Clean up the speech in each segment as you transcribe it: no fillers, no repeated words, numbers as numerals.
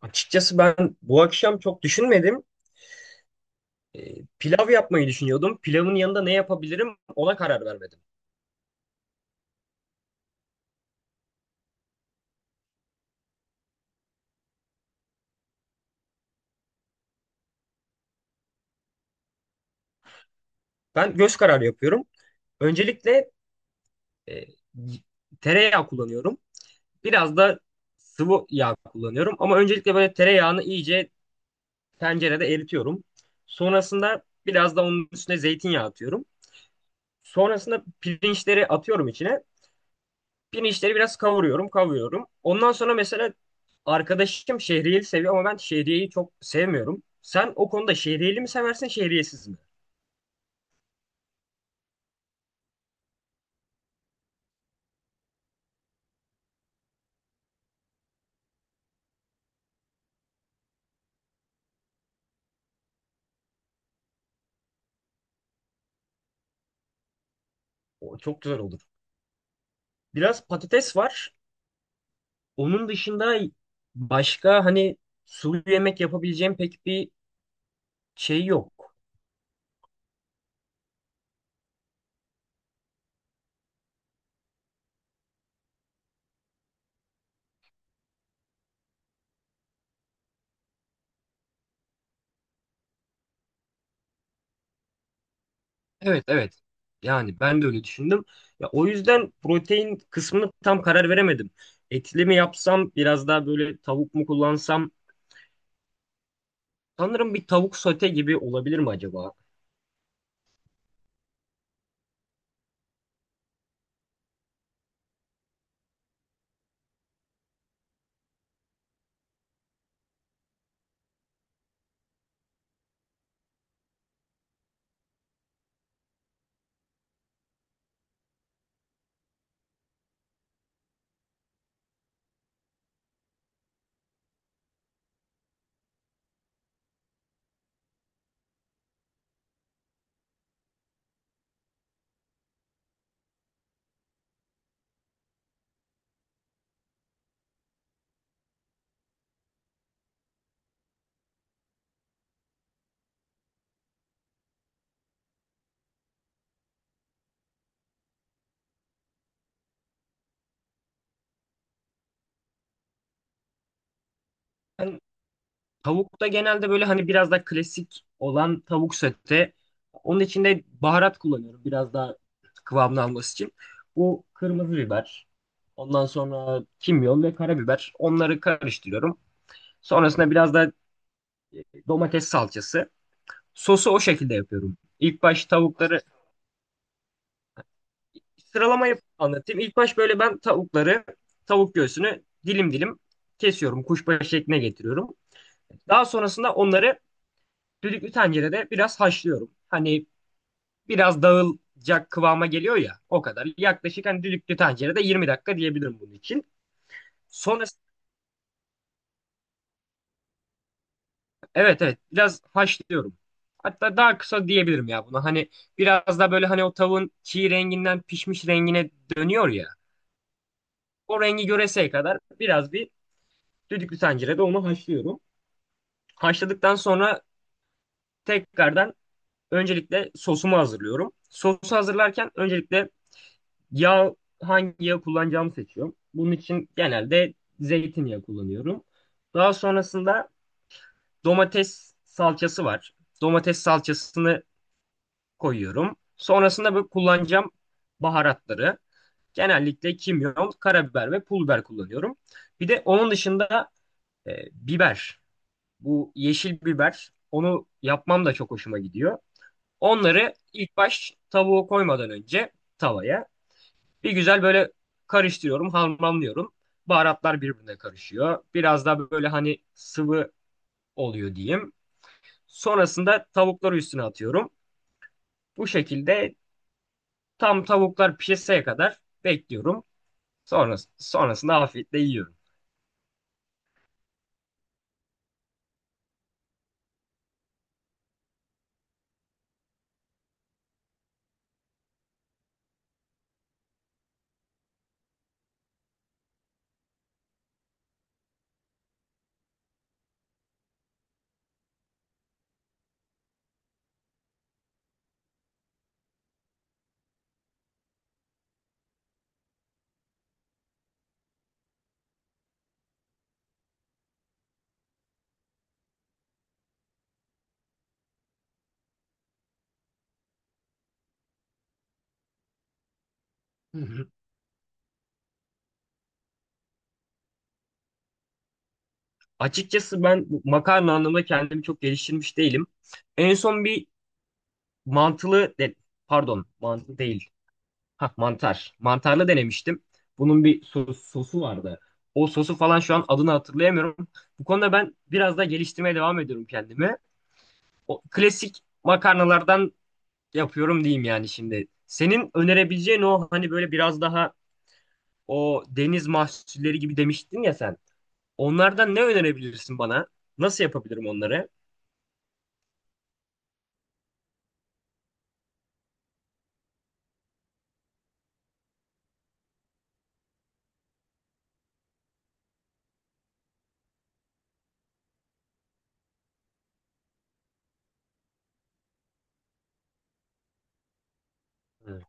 Açıkçası ben bu akşam çok düşünmedim. Pilav yapmayı düşünüyordum. Pilavın yanında ne yapabilirim ona karar vermedim. Ben göz kararı yapıyorum. Öncelikle e, tereyağı kullanıyorum. Biraz da sıvı yağ kullanıyorum. Ama öncelikle böyle tereyağını iyice tencerede eritiyorum. Sonrasında biraz da onun üstüne zeytinyağı atıyorum. Sonrasında pirinçleri atıyorum içine. Pirinçleri biraz kavuruyorum, kavuruyorum. Ondan sonra mesela arkadaşım şehriyeli seviyor ama ben şehriyeyi çok sevmiyorum. Sen o konuda şehriyeli mi seversin, şehriyesiz mi? O çok güzel olur. Biraz patates var. Onun dışında başka hani sulu yemek yapabileceğim pek bir şey yok. Evet, evet. Yani ben de öyle düşündüm. Ya o yüzden protein kısmını tam karar veremedim. Etli mi yapsam, biraz daha böyle tavuk mu kullansam? Sanırım bir tavuk sote gibi olabilir mi acaba? Ben Tavukta genelde böyle hani biraz da klasik olan tavuk sote. Onun içinde baharat kullanıyorum biraz daha kıvamını alması için. Bu kırmızı biber, ondan sonra kimyon ve karabiber. Onları karıştırıyorum. Sonrasında biraz da domates salçası. Sosu o şekilde yapıyorum. İlk baş tavukları Sıralamayı anlatayım. İlk baş böyle ben tavukları, tavuk göğsünü dilim dilim kesiyorum. Kuşbaşı şekline getiriyorum. Daha sonrasında onları düdüklü tencerede biraz haşlıyorum. Hani biraz dağılacak kıvama geliyor ya o kadar. Yaklaşık hani düdüklü tencerede 20 dakika diyebilirim bunun için. Sonrasında evet, evet biraz haşlıyorum. Hatta daha kısa diyebilirim ya buna. Hani biraz da böyle hani o tavuğun çiğ renginden pişmiş rengine dönüyor ya. O rengi göreseye kadar biraz bir düdüklü tencerede onu haşlıyorum. Haşladıktan sonra tekrardan öncelikle sosumu hazırlıyorum. Sosu hazırlarken öncelikle yağ, hangi yağ kullanacağımı seçiyorum. Bunun için genelde zeytinyağı kullanıyorum. Daha sonrasında domates salçası var. Domates salçasını koyuyorum. Sonrasında bu kullanacağım baharatları. Genellikle kimyon, karabiber ve pul biber kullanıyorum. Bir de onun dışında biber. Bu yeşil biber. Onu yapmam da çok hoşuma gidiyor. Onları ilk baş tavuğu koymadan önce tavaya bir güzel böyle karıştırıyorum, harmanlıyorum. Baharatlar birbirine karışıyor. Biraz daha böyle hani sıvı oluyor diyeyim. Sonrasında tavukları üstüne atıyorum. Bu şekilde tam tavuklar pişeseye kadar bekliyorum. Sonrasında afiyetle yiyorum. Hı hı. Açıkçası ben bu makarna anlamında kendimi çok geliştirmiş değilim. En son bir mantılı, de- pardon, mantılı değil. Ha, mantar. Mantarlı denemiştim. Bunun bir sosu vardı. O sosu falan şu an adını hatırlayamıyorum. Bu konuda ben biraz da geliştirmeye devam ediyorum kendimi. O klasik makarnalardan yapıyorum diyeyim yani şimdi. Senin önerebileceğin o hani böyle biraz daha o deniz mahsulleri gibi demiştin ya sen. Onlardan ne önerebilirsin bana? Nasıl yapabilirim onları? Hı.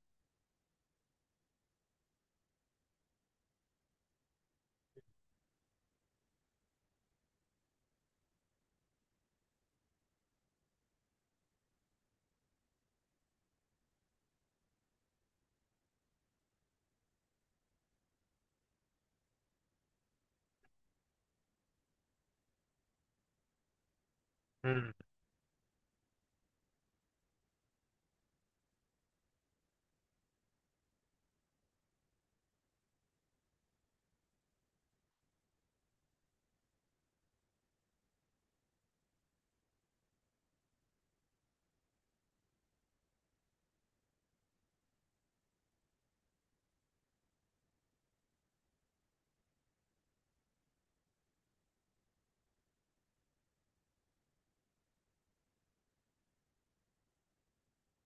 Hı.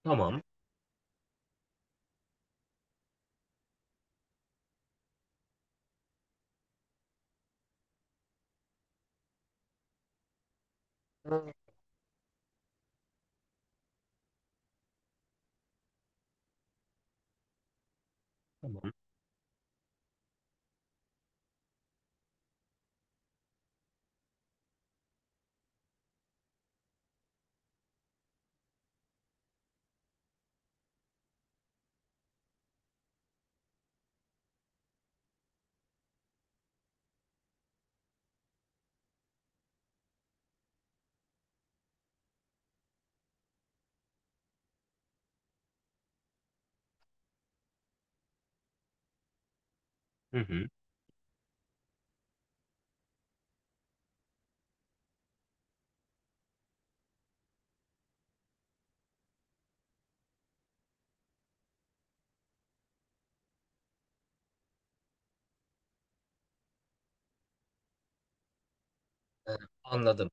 Tamam. Hı. Tamam. Hı hı. Ee, Anladım.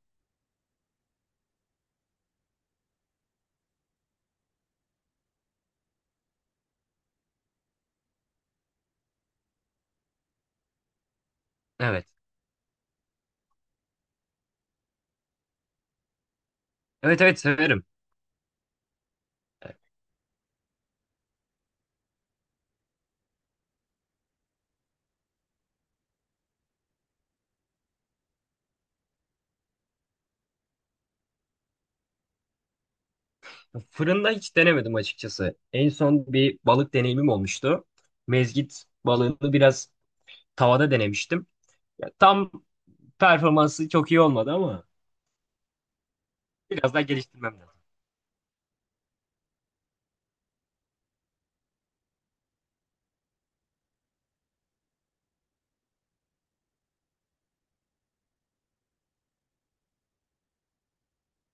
Evet. Evet, evet severim. Fırında hiç denemedim açıkçası. En son bir balık deneyimim olmuştu. Mezgit balığını biraz tavada denemiştim. Ya, tam performansı çok iyi olmadı ama biraz daha geliştirmem lazım.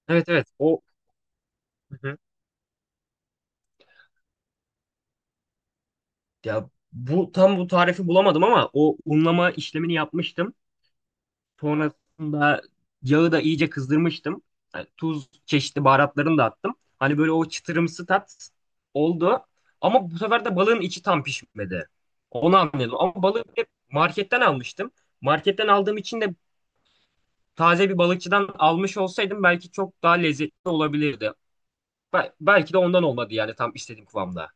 Evet, evet. O, hı hı, ya bu tam, bu tarifi bulamadım ama o unlama işlemini yapmıştım. Sonrasında yağı da iyice kızdırmıştım. Yani tuz, çeşitli baharatlarını da attım. Hani böyle o çıtırımsı tat oldu. Ama bu sefer de balığın içi tam pişmedi. Onu anladım. Ama balığı hep marketten almıştım. Marketten aldığım için de taze bir balıkçıdan almış olsaydım belki çok daha lezzetli olabilirdi. Belki de ondan olmadı yani tam istediğim kıvamda.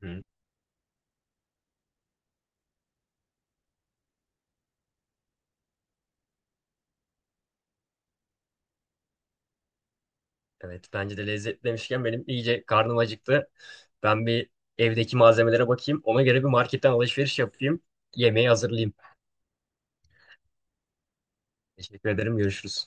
Hı, hı. Evet, bence de lezzetli demişken benim iyice karnım acıktı. Ben bir evdeki malzemelere bakayım. Ona göre bir marketten alışveriş yapayım. Yemeği hazırlayayım. Teşekkür ederim. Görüşürüz.